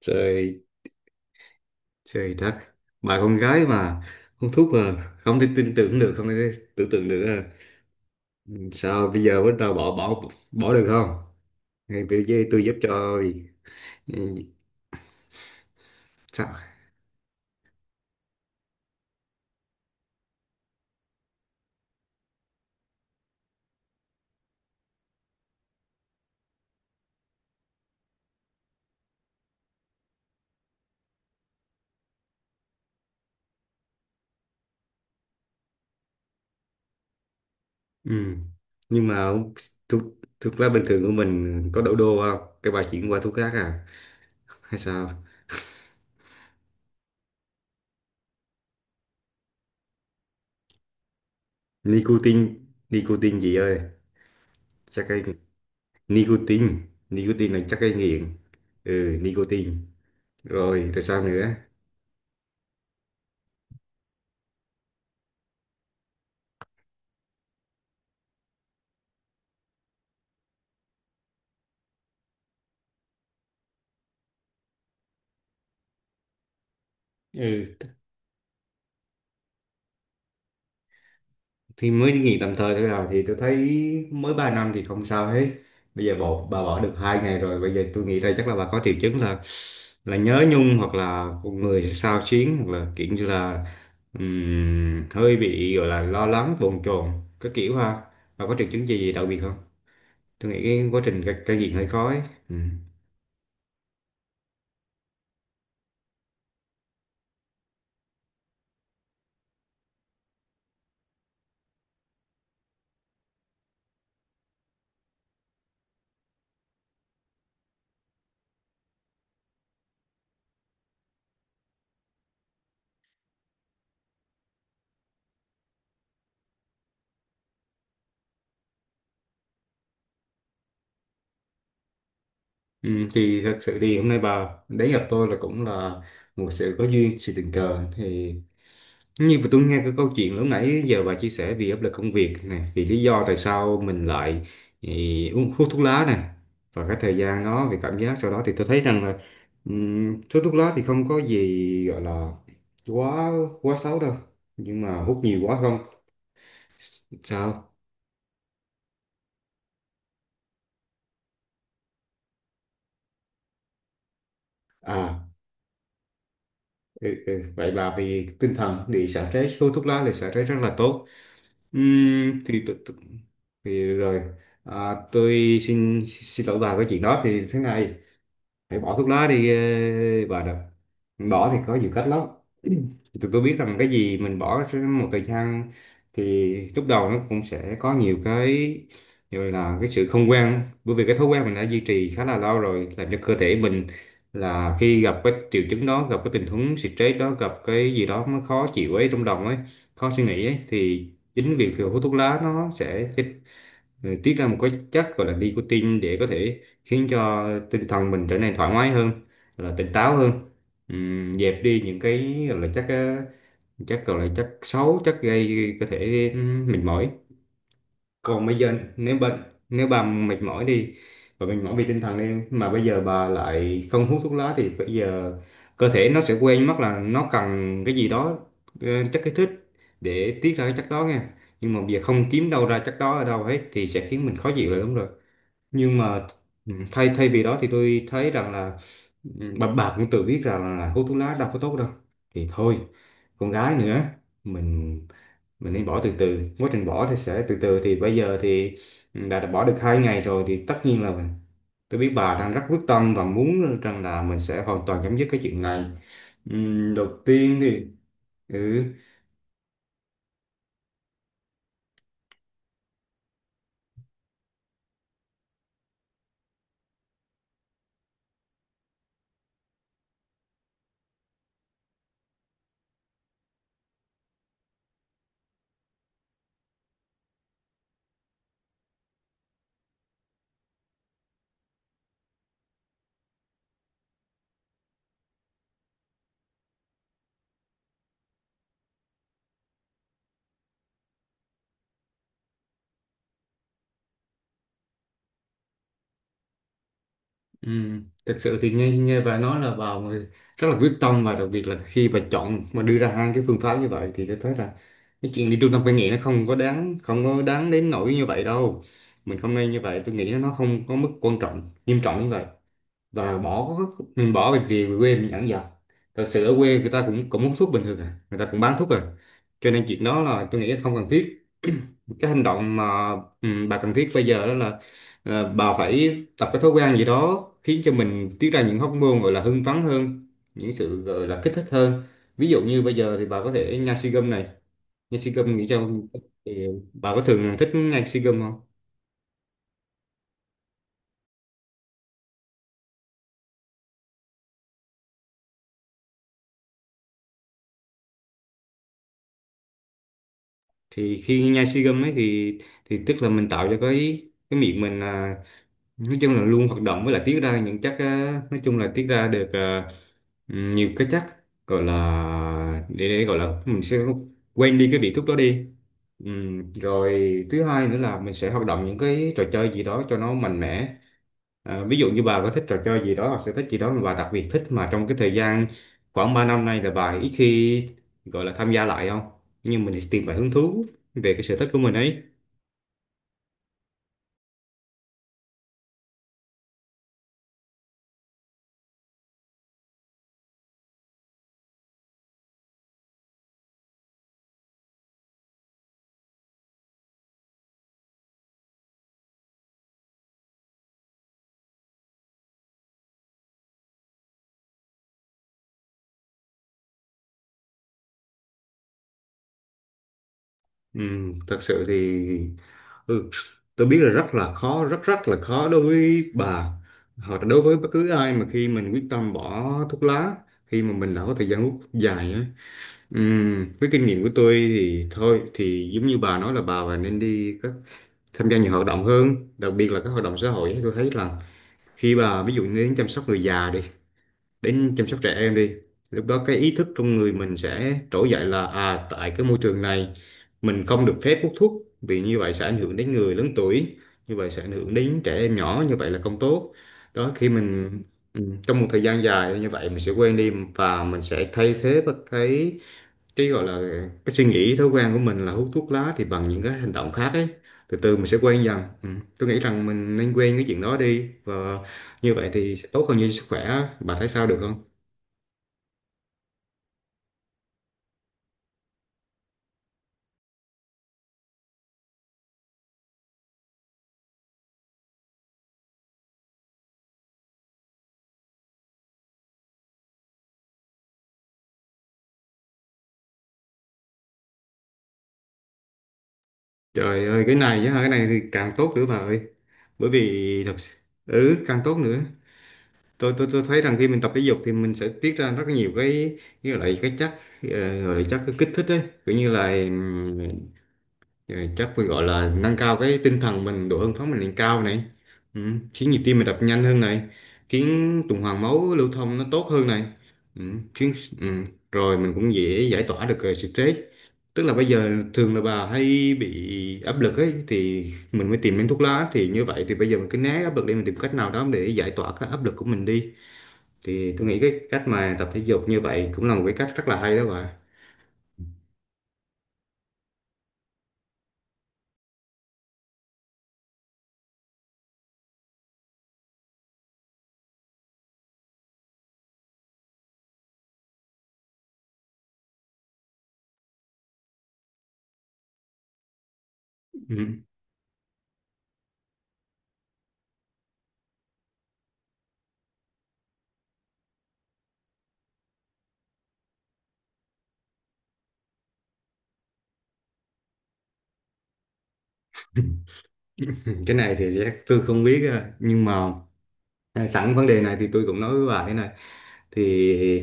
Trời, trời đất! Bà con gái mà hút thuốc mà không thể tin tưởng được, không thể tưởng tượng được à. Sao bây giờ bắt đầu bỏ bỏ bỏ được không? Ngay tôi với tôi giúp cho. Ừ, sao? Ừ. Nhưng mà thuốc thuốc lá bình thường của mình có đổ đô không cái bà chuyển qua thuốc khác à, hay sao? Nicotine nicotine gì ơi? Chắc cái nicotine nicotine là chắc cái nghiện. Ừ, nicotine. Rồi, rồi, sao nữa? Ừ, thì mới nghỉ tạm thời thôi à, thì tôi thấy mới 3 năm thì không sao hết. Bây giờ bà bỏ được 2 ngày rồi, bây giờ tôi nghĩ ra chắc là bà có triệu chứng là nhớ nhung, hoặc là người xao xuyến, hoặc là kiểu như là hơi bị gọi là lo lắng, bồn chồn, cái kiểu ha. Bà có triệu chứng gì đặc biệt không? Tôi nghĩ cái quá trình cai cai nghiện hơi khó ấy. Ừ. Ừ, thì thật sự thì hôm nay bà đến gặp tôi là cũng là một sự có duyên, sự tình cờ. Thì nhưng mà tôi nghe cái câu chuyện lúc nãy giờ bà chia sẻ vì áp lực công việc nè, vì lý do tại sao mình lại uống, hút thuốc lá nè, và cái thời gian đó vì cảm giác sau đó, thì tôi thấy rằng là hút thuốc lá thì không có gì gọi là quá quá xấu đâu, nhưng mà hút nhiều quá không. Sao à? Ừ, ừ, vậy bà vì tinh thần bị xả stress, hút thuốc lá thì xả stress rất là tốt. Thì, thì rồi à, tôi xin xin lỗi bà. Cái chuyện đó thì thế này, để bỏ thuốc lá đi. Bà được, bỏ thì có nhiều cách lắm. Tụi tôi biết rằng cái gì mình bỏ sẽ một thời gian thì lúc đầu nó cũng sẽ có nhiều cái gọi là cái sự không quen, bởi vì cái thói quen mình đã duy trì khá là lâu rồi, làm cho cơ thể mình là khi gặp cái triệu chứng đó, gặp cái tình huống stress đó, gặp cái gì đó nó khó chịu ấy trong lòng ấy, khó suy nghĩ ấy, thì chính việc thừa hút thuốc lá nó sẽ tiết ra một cái chất gọi là nicotine để có thể khiến cho tinh thần mình trở nên thoải mái hơn, là tỉnh táo hơn. Dẹp đi những cái gọi là chất chất gọi là chất xấu, chất gây có thể mệt mỏi. Còn bây giờ nếu bệnh, nếu bà mệt mỏi đi, và mệt mỏi vì tinh thần đi, mà bây giờ bà lại không hút thuốc lá thì bây giờ cơ thể nó sẽ quên mất là nó cần cái gì đó, ờ, chất kích thích, để tiết ra cái chất đó nha. Nhưng mà bây giờ không kiếm đâu ra chất đó ở đâu hết thì sẽ khiến mình khó chịu là đúng rồi, nhưng mà thay thay vì đó thì tôi thấy rằng là bà cũng tự biết rằng là hút thuốc lá đâu có tốt đâu, thì thôi, con gái nữa, mình mình nên bỏ từ từ. Quá trình bỏ thì sẽ từ từ thì bây giờ thì đã bỏ được 2 ngày rồi thì tất nhiên là mình. Tôi biết bà đang rất quyết tâm và muốn rằng là mình sẽ hoàn toàn chấm dứt cái chuyện này. Đầu tiên thì ừ, thực sự thì nghe nghe bà nói là bà mà rất là quyết tâm, và đặc biệt là khi bà chọn mà đưa ra hai cái phương pháp như vậy thì tôi thấy là cái chuyện đi trung tâm cai nghiện nó không có đáng đến nỗi như vậy đâu. Mình không nên như vậy, tôi nghĩ nó không có mức quan trọng, nghiêm trọng như vậy. Và bỏ, bỏ việc gì về quê mình dẫn dò, thật sự ở quê người ta cũng cũng hút thuốc bình thường à, người ta cũng bán thuốc à, cho nên chuyện đó là tôi nghĩ là không cần thiết. Cái hành động mà bà cần thiết bây giờ đó là bà phải tập cái thói quen gì đó khiến cho mình tiết ra những hormone gọi là hưng phấn hơn, những sự gọi là kích thích hơn. Ví dụ như bây giờ thì bà có thể nhai si gum này, nhai si gum nghĩ cho, thì bà có thường thích nhai si gum không? Thì khi nhai si gum ấy thì tức là mình tạo cho cái miệng mình à, nói chung là luôn hoạt động, với lại tiết ra những chất á, nói chung là tiết ra được nhiều cái chất gọi là để gọi là mình sẽ quên đi cái vị thuốc đó đi. Rồi thứ hai nữa là mình sẽ hoạt động những cái trò chơi gì đó cho nó mạnh mẽ. À, ví dụ như bà có thích trò chơi gì đó hoặc sở thích gì đó mà bà đặc biệt thích, mà trong cái thời gian khoảng 3 năm nay là bà ít khi gọi là tham gia lại không? Nhưng mình thì tìm lại hứng thú về cái sở thích của mình ấy. Ừ, thật sự thì ừ, tôi biết là rất là khó, rất rất là khó đối với bà, hoặc là đối với bất cứ ai mà khi mình quyết tâm bỏ thuốc lá, khi mà mình đã có thời gian hút dài á. Với kinh nghiệm của tôi thì thôi thì giống như bà nói là bà và nên đi các, tham gia nhiều hoạt động hơn, đặc biệt là các hoạt động xã hội. Tôi thấy là khi bà ví dụ như đến chăm sóc người già đi, đến chăm sóc trẻ em đi, lúc đó cái ý thức trong người mình sẽ trỗi dậy là, à, tại cái môi trường này mình không được phép hút thuốc vì như vậy sẽ ảnh hưởng đến người lớn tuổi, như vậy sẽ ảnh hưởng đến trẻ em nhỏ, như vậy là không tốt. Đó, khi mình ừ, trong một thời gian dài như vậy mình sẽ quen đi, và mình sẽ thay thế bất cái gọi là cái suy nghĩ, thói quen của mình là hút thuốc lá thì bằng những cái hành động khác ấy. Từ từ mình sẽ quen dần. Ừ. Tôi nghĩ rằng mình nên quen cái chuyện đó đi, và như vậy thì sẽ tốt hơn cho sức khỏe. Bà thấy sao, được không? Trời ơi, cái này á, cái này thì càng tốt nữa bà ơi. Bởi vì thật sự ừ, càng tốt nữa. Tôi thấy rằng khi mình tập thể dục thì mình sẽ tiết ra rất nhiều cái, như là cái chất gọi là chất kích thích ấy, kiểu như là rồi chắc phải gọi là nâng cao cái tinh thần mình, độ hưng phấn mình lên cao này. Ừ. Khiến nhịp tim mình đập nhanh hơn này, khiến tuần hoàn máu lưu thông nó tốt hơn này. Ừ. Khiến ừ, rồi mình cũng dễ giải tỏa được stress. Tức là bây giờ thường là bà hay bị áp lực ấy thì mình mới tìm đến thuốc lá, thì như vậy thì bây giờ mình cứ né áp lực đi, mình tìm cách nào đó để giải tỏa cái áp lực của mình đi, thì tôi nghĩ cái cách mà tập thể dục như vậy cũng là một cái cách rất là hay đó bà. Ừ. cái này thì chắc tôi không biết nhưng mà à, sẵn vấn đề này thì tôi cũng nói với bà thế này. Thì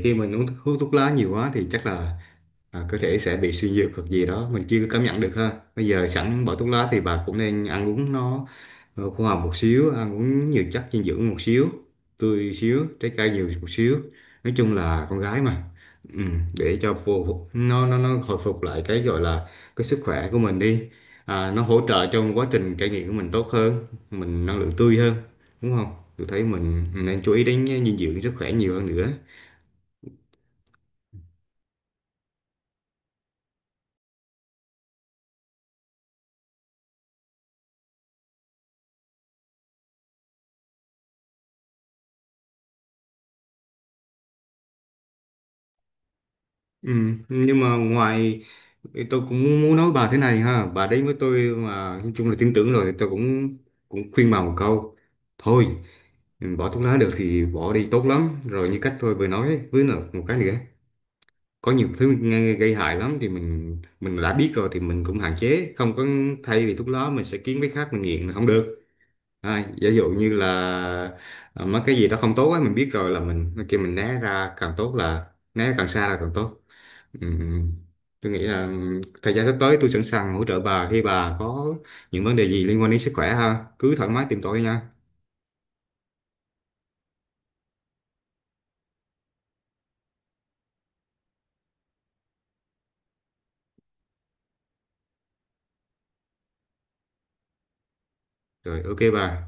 khi mình uống thuốc, hút thuốc lá nhiều quá thì chắc là à, có thể sẽ bị suy nhược hoặc gì đó mình chưa cảm nhận được ha. Bây giờ sẵn bỏ thuốc lá thì bà cũng nên ăn uống nó khoa học một xíu, ăn uống nhiều chất dinh dưỡng một xíu, tươi xíu, trái cây nhiều một xíu, nói chung là con gái mà. ừ, để cho phù nó hồi phục lại cái gọi là cái sức khỏe của mình đi. À, nó hỗ trợ trong quá trình trải nghiệm của mình tốt hơn, mình năng lượng tươi hơn, đúng không? Tôi thấy mình nên chú ý đến dinh dưỡng, sức khỏe nhiều hơn nữa. Ừ, nhưng mà ngoài, tôi cũng muốn nói bà thế này ha, bà đấy với tôi mà nói chung là tin tưởng rồi, tôi cũng, cũng khuyên bà một câu. Thôi, bỏ thuốc lá được thì bỏ đi, tốt lắm rồi, như cách tôi vừa nói ấy. Với là một cái nữa, có nhiều thứ nghe gây hại lắm thì mình đã biết rồi thì mình cũng hạn chế, không có thay vì thuốc lá mình sẽ kiếm cái khác mình nghiện là không được. À, giả dụ như là à, mấy cái gì đó không tốt ấy, mình biết rồi là mình kia, mình né ra càng tốt, là né càng xa là càng tốt. Ừ. Tôi nghĩ là thời gian sắp tới tôi sẵn sàng hỗ trợ bà khi bà có những vấn đề gì liên quan đến sức khỏe ha. Cứ thoải mái tìm tôi nha. Rồi, ok bà.